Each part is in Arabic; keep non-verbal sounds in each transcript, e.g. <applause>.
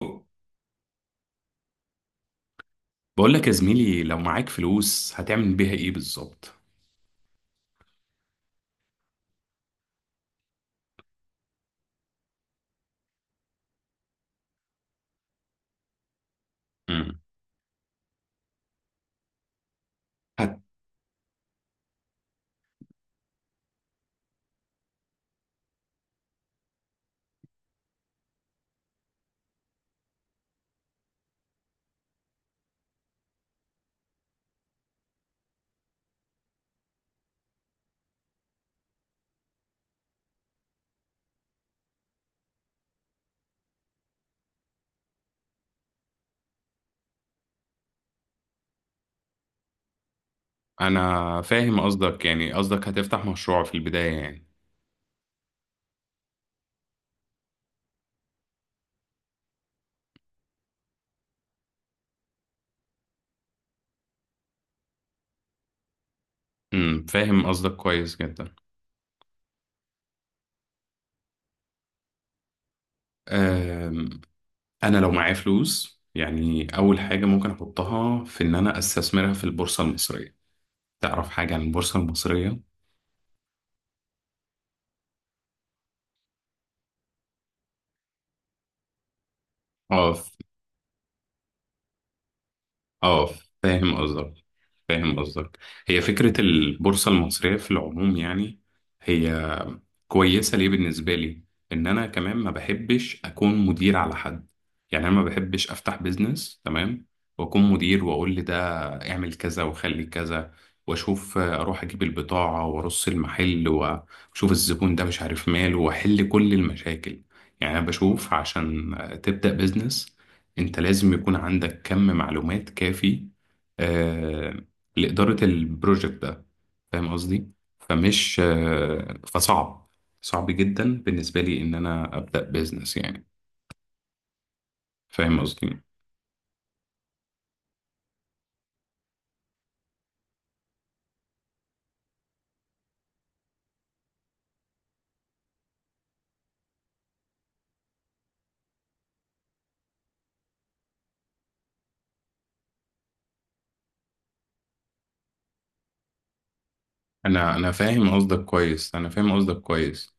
بقول لك يا زميلي، لو معاك فلوس هتعمل بيها ايه بالظبط؟ امم هت... انا فاهم قصدك، يعني قصدك هتفتح مشروع في البداية يعني. فاهم قصدك كويس جدا. أم... انا لو معايا فلوس، يعني اول حاجة ممكن احطها في ان انا استثمرها في البورصة المصرية. تعرف حاجة عن البورصة المصرية؟ اه، اه فاهم قصدك فاهم قصدك. هي فكرة البورصة المصرية في العموم يعني، هي كويسة ليه بالنسبة لي. إن أنا كمان ما بحبش أكون مدير على حد، يعني أنا ما بحبش أفتح بيزنس، تمام، وأكون مدير وأقول لي ده اعمل كذا وخلي كذا وأشوف، أروح أجيب البضاعة وأرص المحل وأشوف الزبون ده مش عارف ماله وأحل كل المشاكل. يعني أنا بشوف، عشان تبدأ بيزنس أنت لازم يكون عندك كم معلومات كافي آه، لإدارة البروجكت ده. فاهم قصدي؟ فمش آه، فصعب، صعب جدا بالنسبة لي إن أنا أبدأ بيزنس يعني. فاهم قصدي. أنا فاهم قصدك كويس.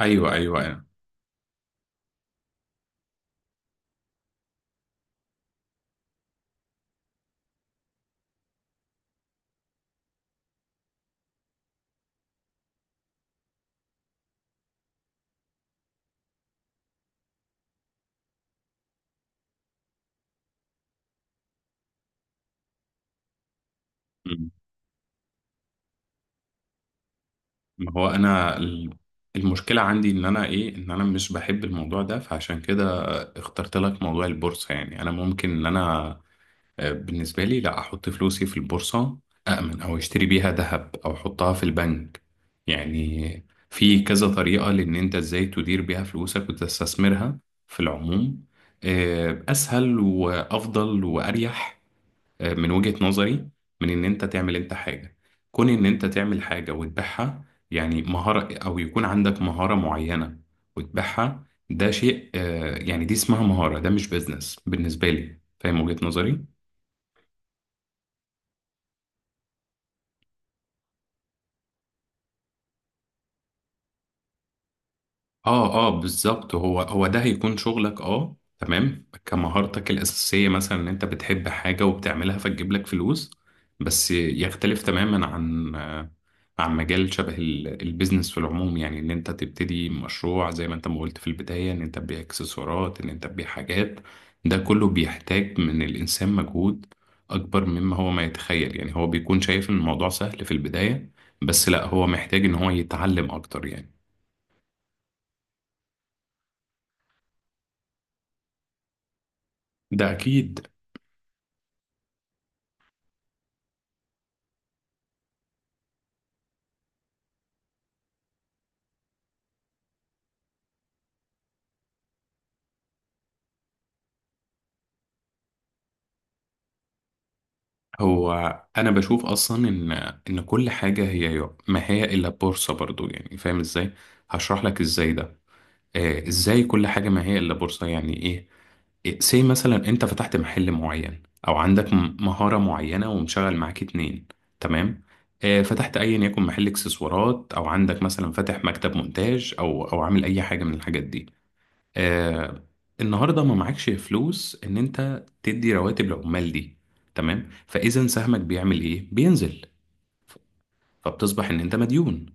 أيوه، أيوه، أنا مم. ما هو أنا المشكلة عندي، إن أنا، إن أنا مش بحب الموضوع ده، فعشان كده اخترت لك موضوع البورصة. يعني أنا ممكن إن أنا، بالنسبة لي، لا أحط فلوسي في البورصة، أأمن أو أشتري بيها ذهب أو أحطها في البنك. يعني في كذا طريقة لأن أنت إزاي تدير بيها فلوسك وتستثمرها في العموم. أسهل وأفضل وأريح من وجهة نظري، من إن أنت تعمل أنت حاجة، كون إن أنت تعمل حاجة وتبيعها، يعني مهارة أو يكون عندك مهارة معينة وتبيعها. ده شيء، يعني دي اسمها مهارة، ده مش بيزنس بالنسبة لي. فاهم وجهة نظري؟ اه، اه، بالظبط، هو ده هيكون شغلك، اه، تمام، كمهارتك الأساسية، مثلا ان انت بتحب حاجة وبتعملها فتجيب لك فلوس. بس يختلف تماما عن، عن مجال شبه البيزنس في العموم، يعني ان انت تبتدي مشروع زي ما انت ما قلت في البداية، ان انت تبيع اكسسوارات، ان انت تبيع حاجات. ده كله بيحتاج من الإنسان مجهود أكبر مما هو ما يتخيل، يعني هو بيكون شايف ان الموضوع سهل في البداية، بس لا، هو محتاج ان هو يتعلم أكتر يعني. ده أكيد. هو انا بشوف اصلا ان، كل حاجه هي ما هي الا بورصه برضو، يعني فاهم ازاي؟ هشرح لك ازاي ده. ازاي كل حاجه ما هي الا بورصه، يعني ايه. سي مثلا انت فتحت محل معين، او عندك مهارة معينة ومشغل معاك اتنين، تمام. فتحت ايا يكن محل اكسسوارات، او عندك مثلا فاتح مكتب مونتاج، او عامل اي حاجة من الحاجات دي. آه النهارده ما معكش فلوس ان انت تدي رواتب العمال دي، تمام. فاذا سهمك بيعمل ايه؟ بينزل. ف- فبتصبح ان انت مديون.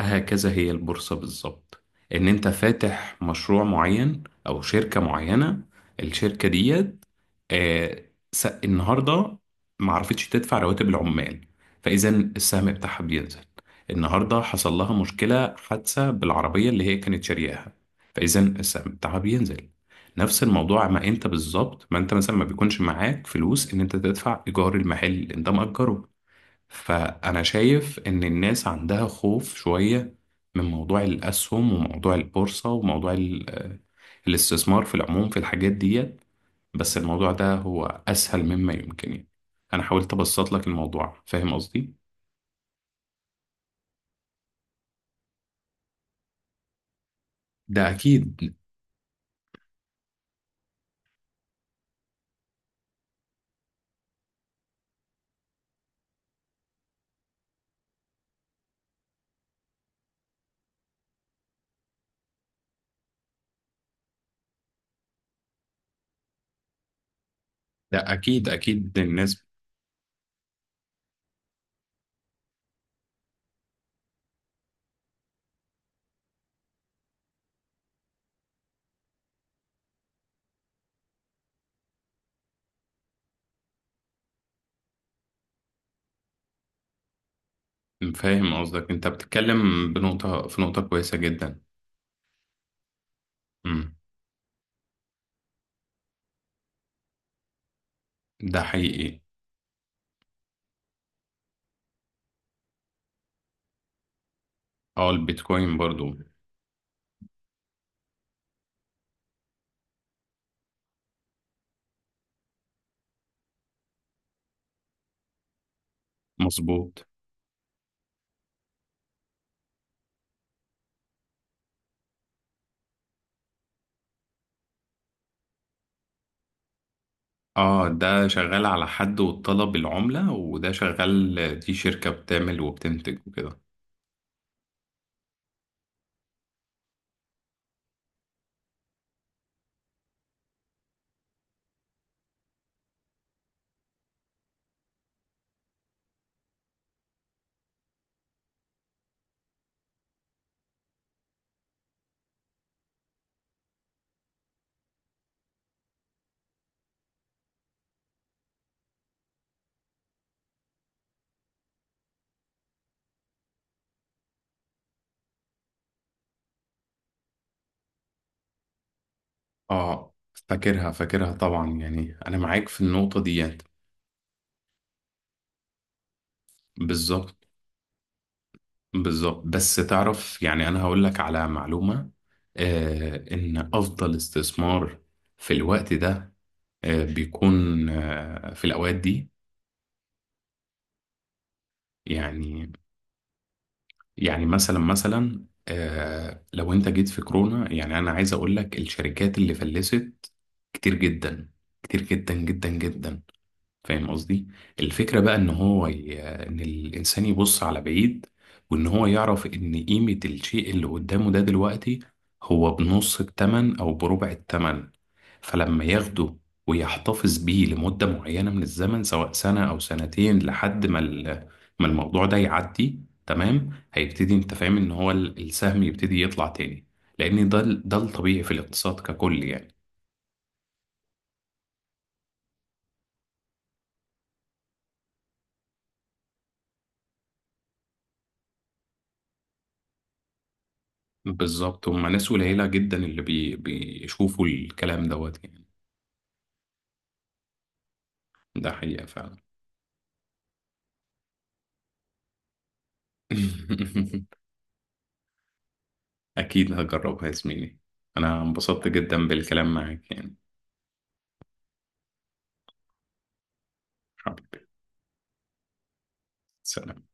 هكذا هي البورصة بالظبط. ان انت فاتح مشروع معين او شركة معينة، الشركة دي، آه، النهارده ما عرفتش تدفع رواتب العمال، فاذا السهم بتاعها بينزل. النهارده حصل لها مشكله، حادثه بالعربيه اللي هي كانت شارياها، فاذا السهم بتاعها بينزل. نفس الموضوع، ما انت بالظبط، ما انت مثلا ما بيكونش معاك فلوس ان انت تدفع ايجار المحل اللي انت مأجره. فانا شايف ان الناس عندها خوف شويه من موضوع الاسهم وموضوع البورصه وموضوع الاستثمار في العموم في الحاجات دي. بس الموضوع ده هو أسهل مما يمكن، يعني أنا حاولت أبسط لك الموضوع. فاهم قصدي؟ ده أكيد. ده أكيد، أكيد، فاهم قصدك، أنت بتتكلم بنقطة في نقطة كويسة جدا. امم ده حقيقي. أه، البيتكوين برضو. مظبوط. أه، ده شغال على حد والطلب العملة، وده شغال، دي شركة بتعمل وبتنتج وكده. أه، فاكرها طبعا، يعني أنا معاك في النقطة ديت. بالظبط، بالظبط، بس تعرف، يعني أنا هقول لك على معلومة، إن أفضل استثمار في الوقت ده، بيكون في الأوقات دي يعني مثلا، لو أنت جيت في كورونا، يعني أنا عايز أقول لك، الشركات اللي فلست كتير جدا، كتير جدا جدا جدا. فاهم قصدي. الفكرة بقى ان هو ان الانسان يبص على بعيد، وان هو يعرف ان قيمة الشيء اللي قدامه ده دلوقتي هو بنص التمن او بربع التمن. فلما ياخده ويحتفظ بيه لمدة معينة من الزمن، سواء سنة او سنتين، لحد ما ما الموضوع ده يعدي، تمام، هيبتدي انت فاهم ان هو السهم يبتدي يطلع تاني. لان ده الطبيعي في الاقتصاد ككل يعني. بالظبط، هما ناس قليلة جدا اللي بيشوفوا الكلام دوت يعني. ده حقيقة فعلا. <laughs> أكيد هجربها يا زميلي، أنا انبسطت جدا بالكلام معاك يعني. حبيبي. سلام.